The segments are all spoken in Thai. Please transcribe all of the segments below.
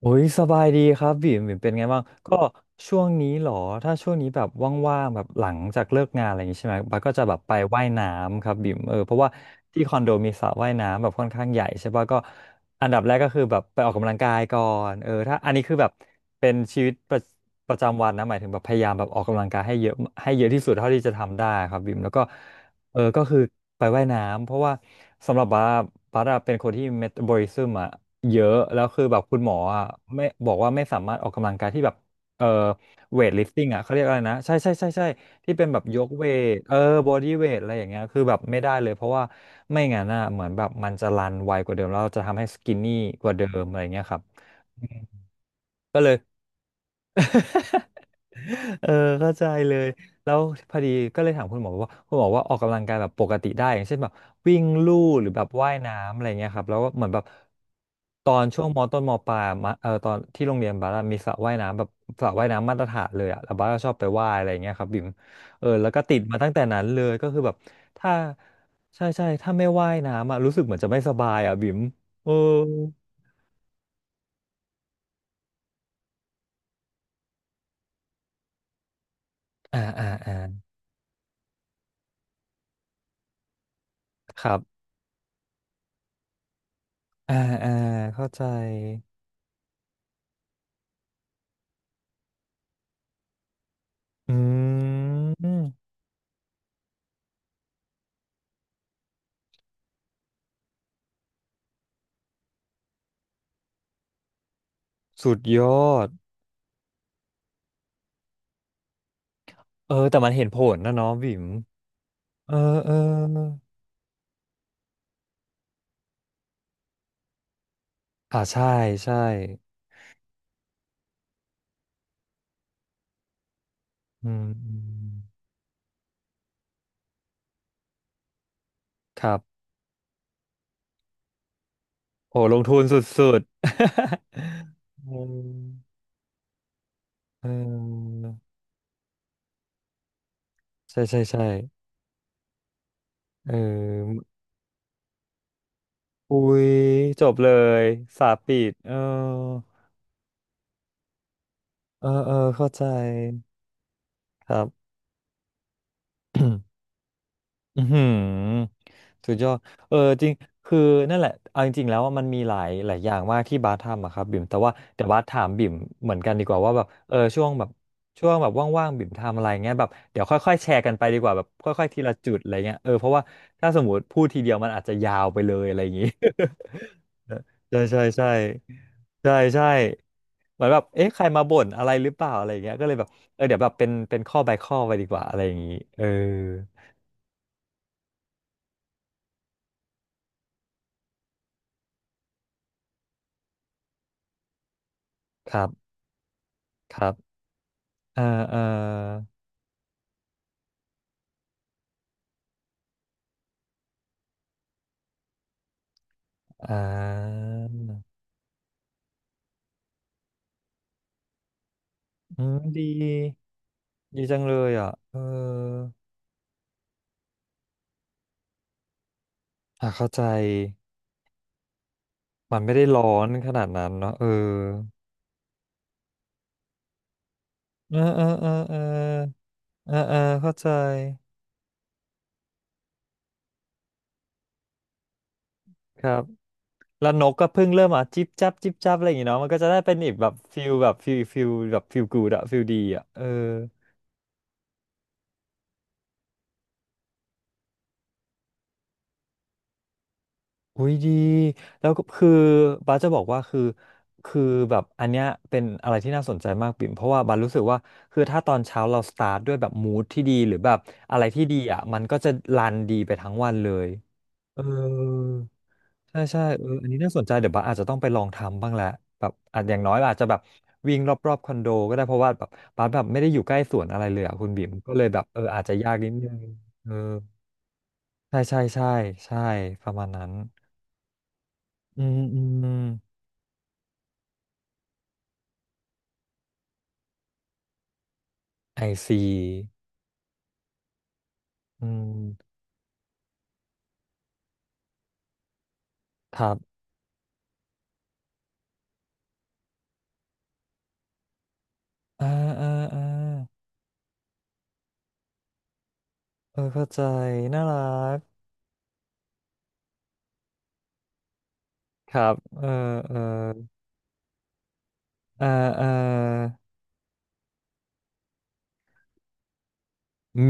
โอ้ยสบายดีครับบิ่มบิ่มเป็นไงบ้างก็ช่วงนี้เหรอถ้าช่วงนี้แบบว่างๆแบบหลังจากเลิกงานอะไรอย่างงี้ใช่ไหมบาสก็จะแบบไปว่ายน้ำครับบิ่มเออเพราะว่าที่คอนโดมีสระว่ายน้ำแบบค่อนข้างใหญ่ใช่ป่ะก็อันดับแรกก็คือแบบไปออกกำลังกายก่อนเออถ้าอันนี้คือแบบเป็นชีวิตประจำวันนะหมายถึงแบบพยายามแบบออกกำลังกายให้เยอะที่สุดเท่าที่จะทำได้ครับบิ่มแล้วก็เออก็คือไปว่ายน้ำเพราะว่าสำหรับบัสอะเป็นคนที่เมตาบอลิซึมอ่ะ เยอะแล้วคือแบบคุณหมออ่ะไม่บอกว่าไม่สามารถออกกำลังกายที่แบบเอ่อเวทลิฟติ้งอ่ะเขาเรียกอะไรนะใช่ใช่ใช่ใช่ที่เป็นแบบยกเวทเออบอดี้เวทอะไรอย่างเงี้ยคือแบบไม่ได้เลยเพราะว่าไม่งั้นอ่ะเหมือนแบบมันจะรันไวกว่าเดิมแล้วเราจะทำให้สกินนี่กว่าเดิมอะไรเงี้ยครับก็เลย เออเข้าใจเลยแล้วพอดีก็เลยถามคุณหมอว่าคุณหมอว่าออกกำลังกายแบบปกติได้อย่างเช่นแบบวิ่งลู่หรือแบบว่ายน้ำอะไรเงี้ยครับแล้วก็เหมือนแบบตอนช่วงมต้นมปลายมะเออตอนที่โรงเรียนบาร์มีสระว่ายน้ำแบบสระว่ายน้ำมาตรฐานเลยอะแล้วบาร์ชอบไปว่ายอะไรเงี้ยครับบิมเออแล้วก็ติดมาตั้งแต่นั้นเลยก็คือแบบถ้าใช่ใช่ถ้าไม่ว่ายน้ำอะรู้สึกเหมือนจะไม่สบายอะบิมเอออ่าอ่าอ่าครับอ่าอ่าเข้าใจ อืมสุดยอดเออแต่มันเห็นผลนะเนาะบิ๋มเออเอออ่าใช่ใช่อืมอืมครับโหลงทุนสุดๆ เอมเออใช่ใช่ใช่เอออุ้ยจบเลยสาปปิดเออเออเออเข้าใจครับ อือหือสุดยอดเออจริงคือนั่นแหละเอาจริงๆแล้วว่ามันมีหลายหลายอย่างมากที่บาสทำอะครับบิ่มแต่ว่าเดี๋ยวบาสถามบิ่มเหมือนกันดีกว่าว่าแบบเออช่วงแบบว่างๆบิ่มทำอะไรเงี้ยแบบเดี๋ยวค่อยๆแชร์กันไปดีกว่าแบบค่อยๆทีละจุดอะไรเงี้ยเออเพราะว่าถ้าสมมติพูดทีเดียวมันอาจจะยาวไปเลยอะไรอย่างงี้ ใช่ใช่ใช่ใช่ใช่เหมือนแบบเอ๊ะใครมาบ่นอะไรหรือเปล่าอะไรอย่างเงี้ยก็เลยแบบเออเดี๋ยวแบบเป็นข้อ by ข้อไปดีกว่าอะไรอย่างงี้เออครับครับ เออเอออ่าอืมดีดีจังเลยอ่ะเอออ่ะเข้าใจมันไม่ได้ร้อนขนาดนั้นเนาะเออเออเออเออเออเออเออเข้าใจครับแล้วนกก็เพิ่งเริ่มอ่ะจิบจับจิบจับอะไรอย่างงี้เนาะมันก็จะได้เป็นอีกแบบฟิลแบบฟิลแบบฟิลกูดอะฟิลดีอะเออ อุ้ยดีแล้วก็คือบ้าสจะบอกว่าคือแบบอันเนี้ยเป็นอะไรที่น่าสนใจมากปิ่มเพราะว่าบาสรู้สึกว่าคือถ้าตอนเช้าเราสตาร์ทด้วยแบบมูดที่ดีหรือแบบอะไรที่ดีอ่ะมันก็จะรันดีไปทั้งวันเลยเออใช่ใช่เอออันนี้น่าสนใจเดี๋ยวบาสอาจจะต้องไปลองทำบ้างแหละแบบอาจอย่างน้อยอาจจะแบบวิ่งรอบๆคอนโดก็ได้เพราะว่าแบบบาสแบบไม่ได้อยู่ใกล้สวนอะไรเลยอ่ะคุณบิ่มก็เลยแบบเอออาจจะยากนิดนึงเออใช่ใช่ใช่ใช่ประมาณนั้นอืมอืม ไอซีอืม ครับอ่าอ่าอ่าเออเข้าใจน่ารักครับ เออเอออ่าอ่า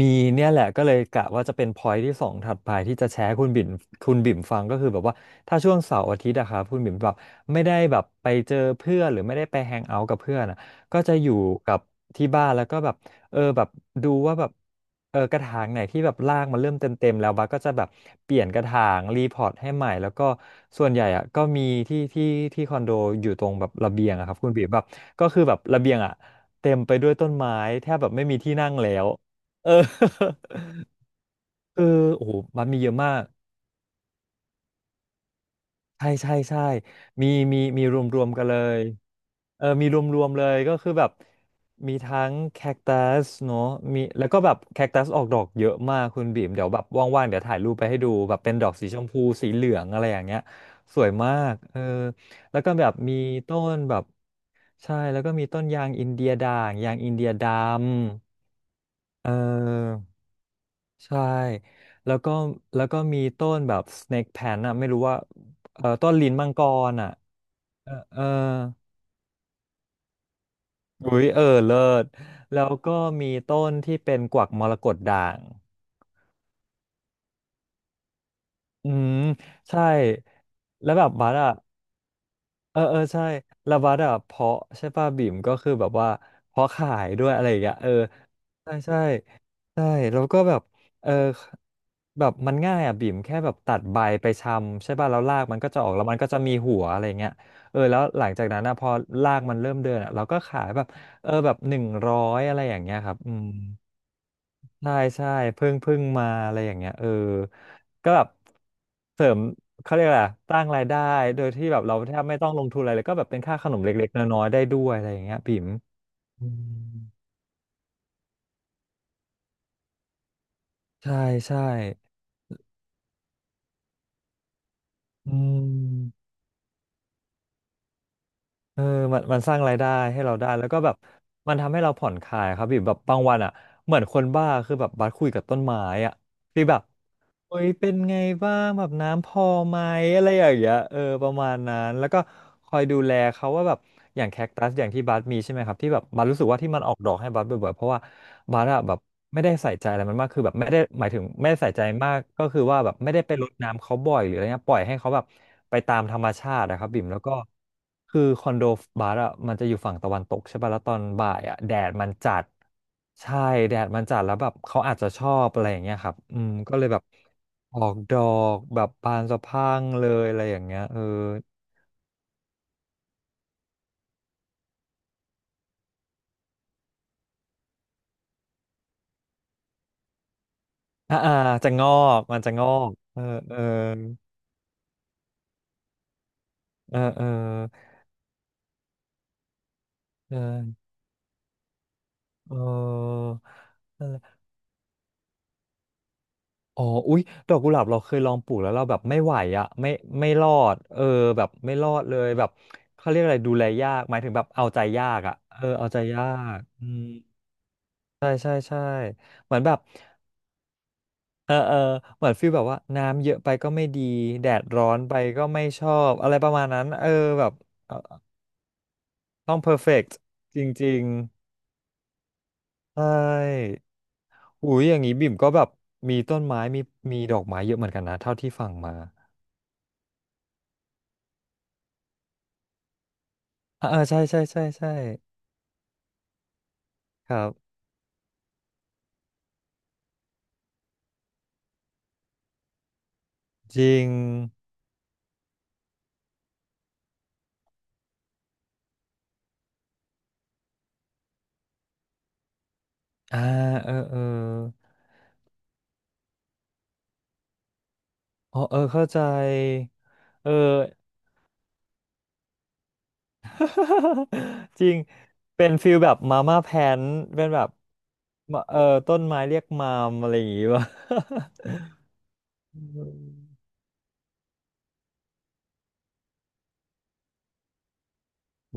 มีเนี่ยแหละก็เลยกะว่าจะเป็นพอย t ์ที่สองถัดไปที่จะแชร์ให้คุณบิ่มคุณบิ่มฟังก็คือแบบว่าถ้าช่วงเสาร์อาทิตย์อะครับคุณบิ่มแบบไม่ได้แบบไปเจอเพื่อนหรือไม่ได้ไปแฮงเอาท์กับเพื่อนอะก็จะอยู่กับที่บ้านแล้วก็แบบเออแบบดูว่าแบบเออกระถางไหนที่แบบรากมันเริ่มเต็มแล้วบัสก็จะแบบเปลี่ยนกระถางรีพอร์ตให้ใหม่แล้วก็ส่วนใหญ่อะก็มีที่ที่ที่คอนโดอยู่ตรงแบบระเบียงอะครับคุณบิ่มแบบก็คือแบบระเบียงอะเต็มไปด้วยต้นไม้แทบแบบไม่มีที่นั่งแล้ว เออ คือโอ้โหมันมีเยอะมากใช่ใช่ใช่มีมีรวมรวมกันเลยเออมีรวมรวมเลยก็คือแบบมีทั้งแคคตัสเนาะมีแล้วก็แบบแคคตัสออกดอกเยอะมากคุณบีมเดี๋ยวแบบว่างๆเดี๋ยวถ่ายรูปไปให้ดูแบบเป็นดอกสีชมพูสีเหลืองอะไรอย่างเงี้ยสวยมากเออแล้วก็แบบมีต้นแบบใช่แล้วก็มีต้นยางอินเดียด่างยางอินเดียดำเออ ใช่แล้วก็แล้วก็มีต้นแบบ snake plant อ่ะไม่รู้ว่าเออต้นลิ้นมังกรอ่ะเออเอออุ๊ยเออเลิศแล้วก็มีต้นที่เป็นกวักมรกตด่างอืมใช่ แล้วแบบบัสอะ เออเออใช่แล้วบัดอ่ะเพาะใช่ป่ะบิ่มก็คือแบบว่าเพาะขายด้วยอะไรอย่างเงี้ยเออใช่ใช่ใช่แล้วก็แบบเออแบบมันง่ายอ่ะบิ่มแค่แบบตัดใบไปชำใช่ป่ะแล้วรากมันก็จะออกแล้วมันก็จะมีหัวอะไรเงี้ยเออแล้วหลังจากนั้นนะพอรากมันเริ่มเดินอ่ะเราก็ขายแบบเออแบบ100อะไรอย่างเงี้ยครับอืม ใช่ใช่เพิ่งมาอะไรอย่างเงี้ยเออก็แบบเสริมเขาเรียกอะไรอะสร้างรายได้โดยที่แบบเราแทบไม่ต้องลงทุนอะไรเลยก็แบบเป็นค่าขนมเล็กๆน้อยๆได้ด้วยอะไรอย่างเงี้ยปิ๋มอืมใช่ใช่อืมเออมันสร้างรายได้ให้เราได้แล้วก็แบบมันทำให้เราผ่อนคลายครับปิ่มแบบบางวันอ่ะเหมือนคนบ้าคือแบบบัสคุยกับต้นไม้อ่ะฟีลแบบ โอ้ยเป็นไงบ้างแบบน้ำพอไหมอะไรอย่างเงี้ยเออประมาณนั้นแล้วก็คอยดูแลเขาว่าแบบอย่างแคคตัสอย่างที่บัสมีใช่ไหมครับที่แบบบัสรู้สึกว่าที่มันออกดอกให้บัสบ่อยๆเพราะว่าบัสอะแบบไม่ได้ใส่ใจอะไรมันมากคือแบบไม่ได้หมายถึงไม่ได้ใส่ใจมากก็คือว่าแบบไม่ได้ไปรดน้ำเขาบ่อยหรืออะไรเงี้ยปล่อยให้เขาแบบไปตามธรรมชาตินะครับบิ่มแล้วก็คือคอนโดบัสอะมันจะอยู่ฝั่งตะวันตกใช่ป่ะแล้วตอนบ่ายอะแดดมันจัด ใช่แดดมันจัดแล้วแบบเขาอาจจะชอบอะไรอย่างเงี้ยครับอืมก็เลยแบบออกดอกแบบบานสะพรั่งเลยอะไรอย่างเงี้ยเอออ่าอ่าจะงอกมันจะงอกเออเออเออเออเออเออนั่นแหละอ๋ออุ๊ยดอกกุหลาบเราเคยลองปลูกแล้วเราแบบไม่ไหวอ่ะไม่รอดเออแบบไม่รอดเลยแบบเขาเรียกอะไรดูแลยากหมายถึงแบบเอาใจยากอ่ะเออเอาใจยากอืมใช่ใช่ใช่เหมือนแบบ เออเออเหมือนฟีลแบบว่าน้ำเยอะไปก็ไม่ดีแดดร้อนไปก็ไม่ชอบอะไรประมาณนั้นเออแบบเออต้องเพอร์เฟกต์จริงๆใช่หูยอย่างนี้บิ่มก็แบบมีต้นไม้มีดอกไม้เยอะเหมือนกันนะเท่าที่ฟังมาอ่าเออใช่ใช่ใช่ใช่ครับจริงอ่าเออเอออ๋อเออเข้าใจเออ จริงเป็นฟิลแบบมาม่าแพนเป็นแบบมะเออต้นไม้เรียกมามอะไรอย่างงี้วะ อืม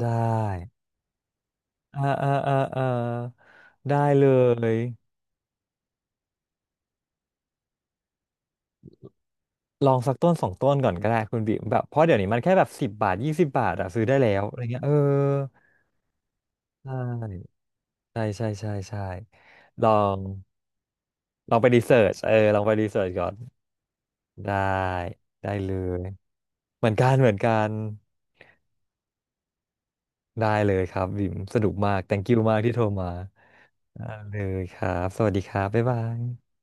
ได้อ่าอ่าอ่าอ่าได้เลยลองสักต้นสองต้นก่อนก็ได้คุณบิมแบบเพราะเดี๋ยวนี้มันแค่แบบสิบบาท20 บาทอะซื้อได้แล้วอะไรเงี้ยเออใช่ใช่ใช่ใช่ใช่ลองลองไปรีเสิร์ชเออลองไปรีเสิร์ชก่อนได้ได้เลยเหมือนกันเหมือนกัน ได้เลยครับบิมสนุกมากแต่ง k ิ o u มากที่โทรมาได้เลยครับสวัสดีครับบ๊ายบาย